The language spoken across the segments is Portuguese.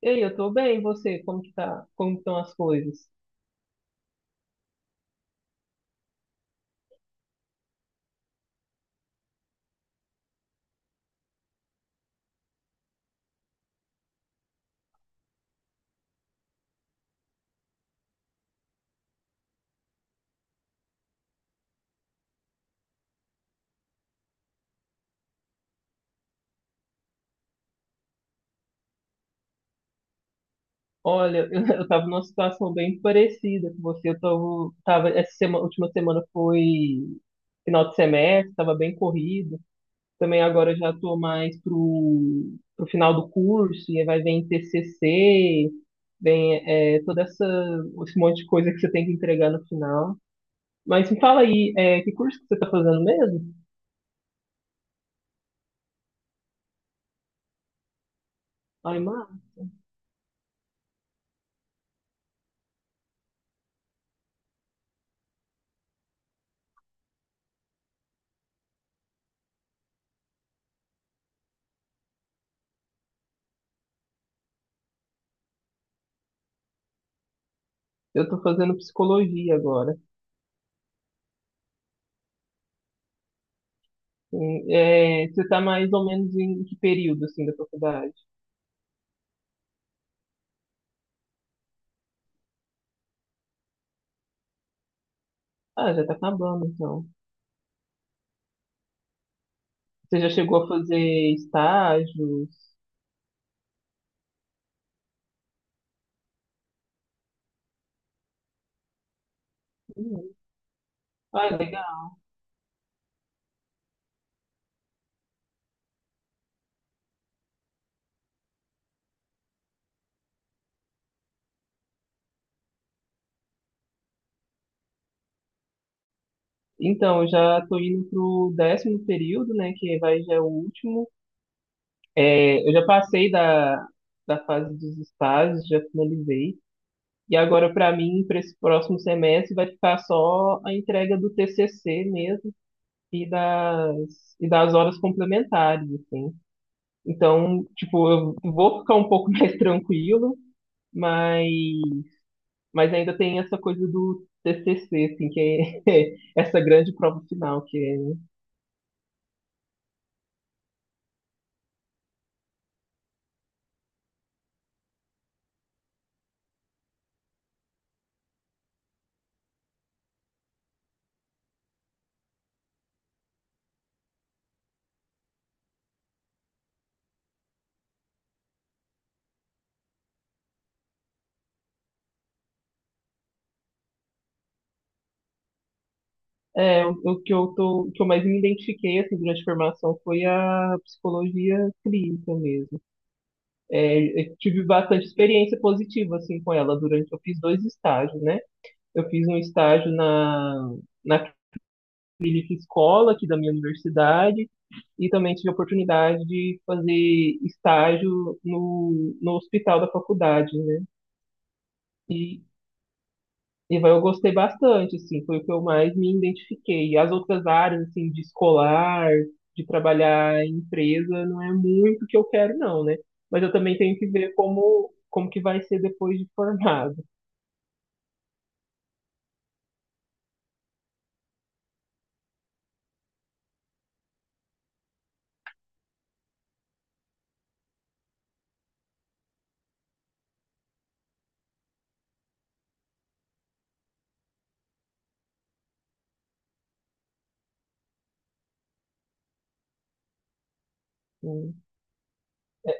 Ei, eu tô bem, e você? Como que tá? Como estão as coisas? Olha, eu tava numa situação bem parecida com você. Tava essa semana, última semana foi final de semestre, tava bem corrido. Também agora eu já tô mais pro final do curso, e aí vai vir TCC, vem toda esse monte de coisa que você tem que entregar no final. Mas me fala aí, que curso que você tá fazendo mesmo? Ai, mar eu tô fazendo psicologia agora. Sim, é, você está mais ou menos em que período, assim, da faculdade? Ah, já está acabando, então. Você já chegou a fazer estágios? Uhum. Ah, legal. Então, eu já estou indo pro décimo período, né, que vai já é o último. É, eu já passei da fase dos estágios, já finalizei. E agora, para mim, para esse próximo semestre, vai ficar só a entrega do TCC mesmo e e das horas complementares, assim. Então, tipo, eu vou ficar um pouco mais tranquilo, mas, mas ainda tem essa coisa do TCC, assim, que é essa grande prova final, que o que eu o que eu mais me identifiquei, assim, durante a formação foi a psicologia clínica mesmo. É, eu tive bastante experiência positiva, assim, com ela durante, eu fiz 2 estágios, né? Eu fiz um estágio na clínica escola aqui da minha universidade, e também tive a oportunidade de fazer estágio no hospital da faculdade, né? E, eu gostei bastante, assim, foi o que eu mais me identifiquei. As outras áreas, assim, de escolar, de trabalhar em empresa, não é muito o que eu quero, não, né? Mas eu também tenho que ver como, como que vai ser depois de formado. Assim. É,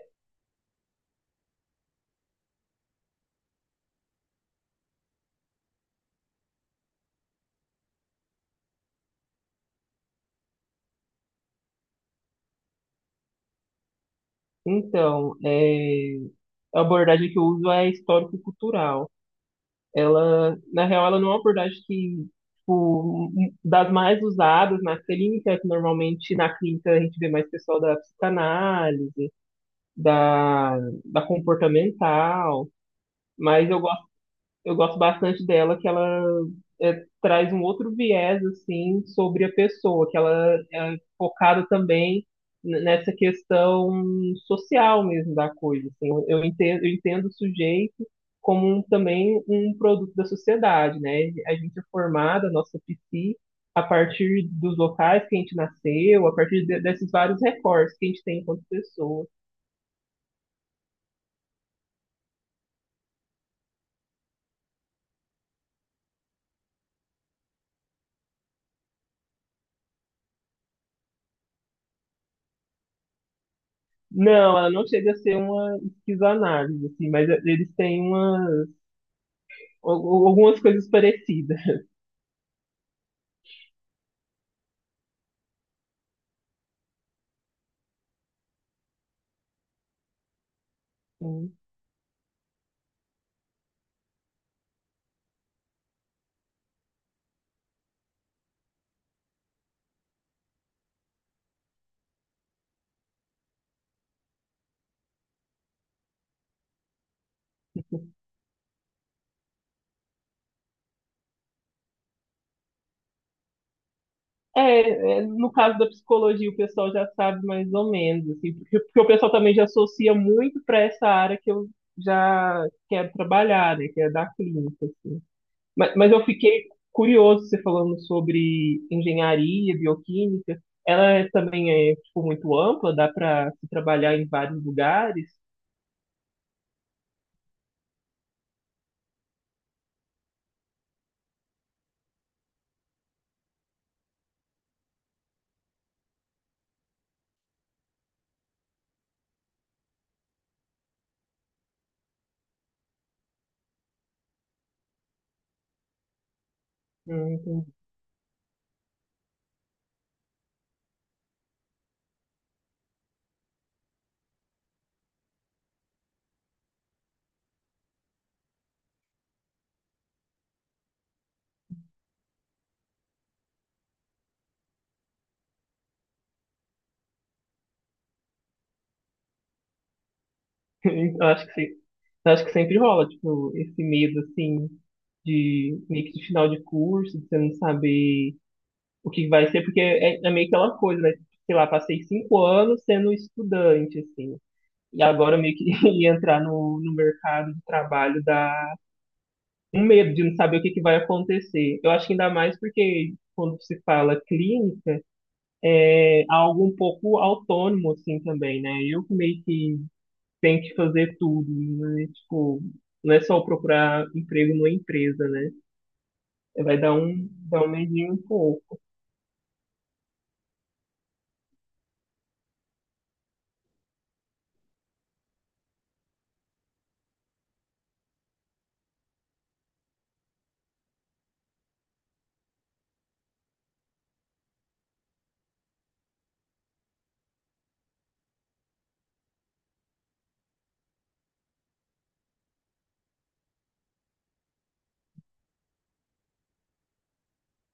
então, é, a abordagem que eu uso é histórico-cultural. Ela, na real, ela não é uma abordagem que, tipo, das mais usadas na clínica, que normalmente na clínica a gente vê mais pessoal da psicanálise, da, da comportamental, mas eu gosto bastante dela, que ela é, traz um outro viés, assim, sobre a pessoa, que ela é focada também nessa questão social mesmo da coisa, assim. Eu entendo o sujeito como também um produto da sociedade, né? A gente é formada, a nossa a partir dos locais que a gente nasceu, a partir desses vários recortes que a gente tem enquanto pessoa. Não, ela não chega a ser uma esquizoanálise, assim, mas eles têm uma algumas coisas parecidas. É, é, no caso da psicologia, o pessoal já sabe mais ou menos, assim, porque o pessoal também já associa muito para essa área que eu já quero trabalhar, né, que é da clínica, assim. Mas eu fiquei curioso, você falando sobre engenharia, bioquímica, ela também é, tipo, muito ampla, dá para se trabalhar em vários lugares? Entendi. Eu acho que sim. Eu acho que sempre rola, tipo, esse medo, assim, de meio que de final de curso, de você não saber o que vai ser, porque é meio que aquela coisa, né? Tipo, sei lá, passei 5 anos sendo estudante, assim, e agora meio que ia entrar no mercado de trabalho dá um medo de não saber o que que vai acontecer. Eu acho que ainda mais porque quando se fala clínica, é algo um pouco autônomo, assim, também, né? Eu que meio que tem que fazer tudo, né? Tipo, não é só procurar emprego numa empresa, né? Vai dar um medinho um pouco.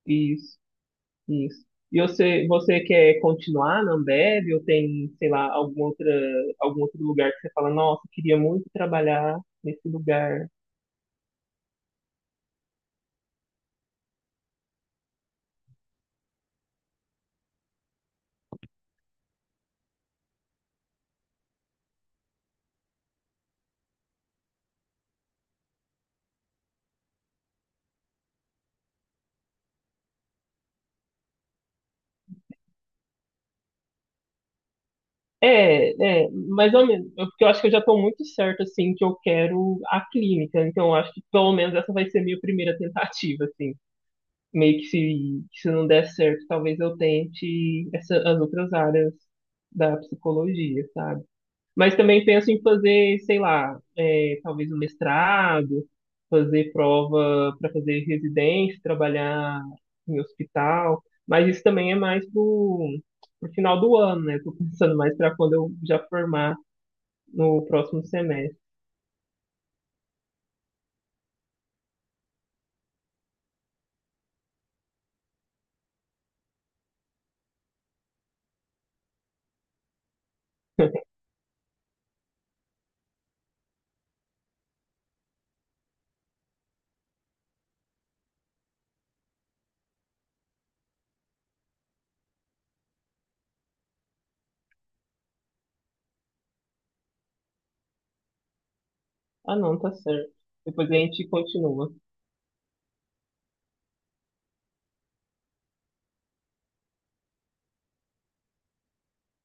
Isso, isso. E você quer continuar na Ambev ou tem, sei lá, algum outro lugar que você fala, nossa, queria muito trabalhar nesse lugar? É, é, mais ou menos. Eu- porque eu acho que eu já estou muito certo, assim, que eu quero a clínica. Então, eu acho que pelo menos essa vai ser a minha primeira tentativa, assim. Meio que se não der certo, talvez eu tente essa, as outras áreas da psicologia, sabe? Mas também penso em fazer, sei lá, é, talvez um mestrado, fazer prova para fazer residência, trabalhar em hospital. Mas isso também é mais pro final do ano, né? Tô pensando mais para quando eu já formar no próximo semestre. Ah, não, tá certo. Depois a gente continua.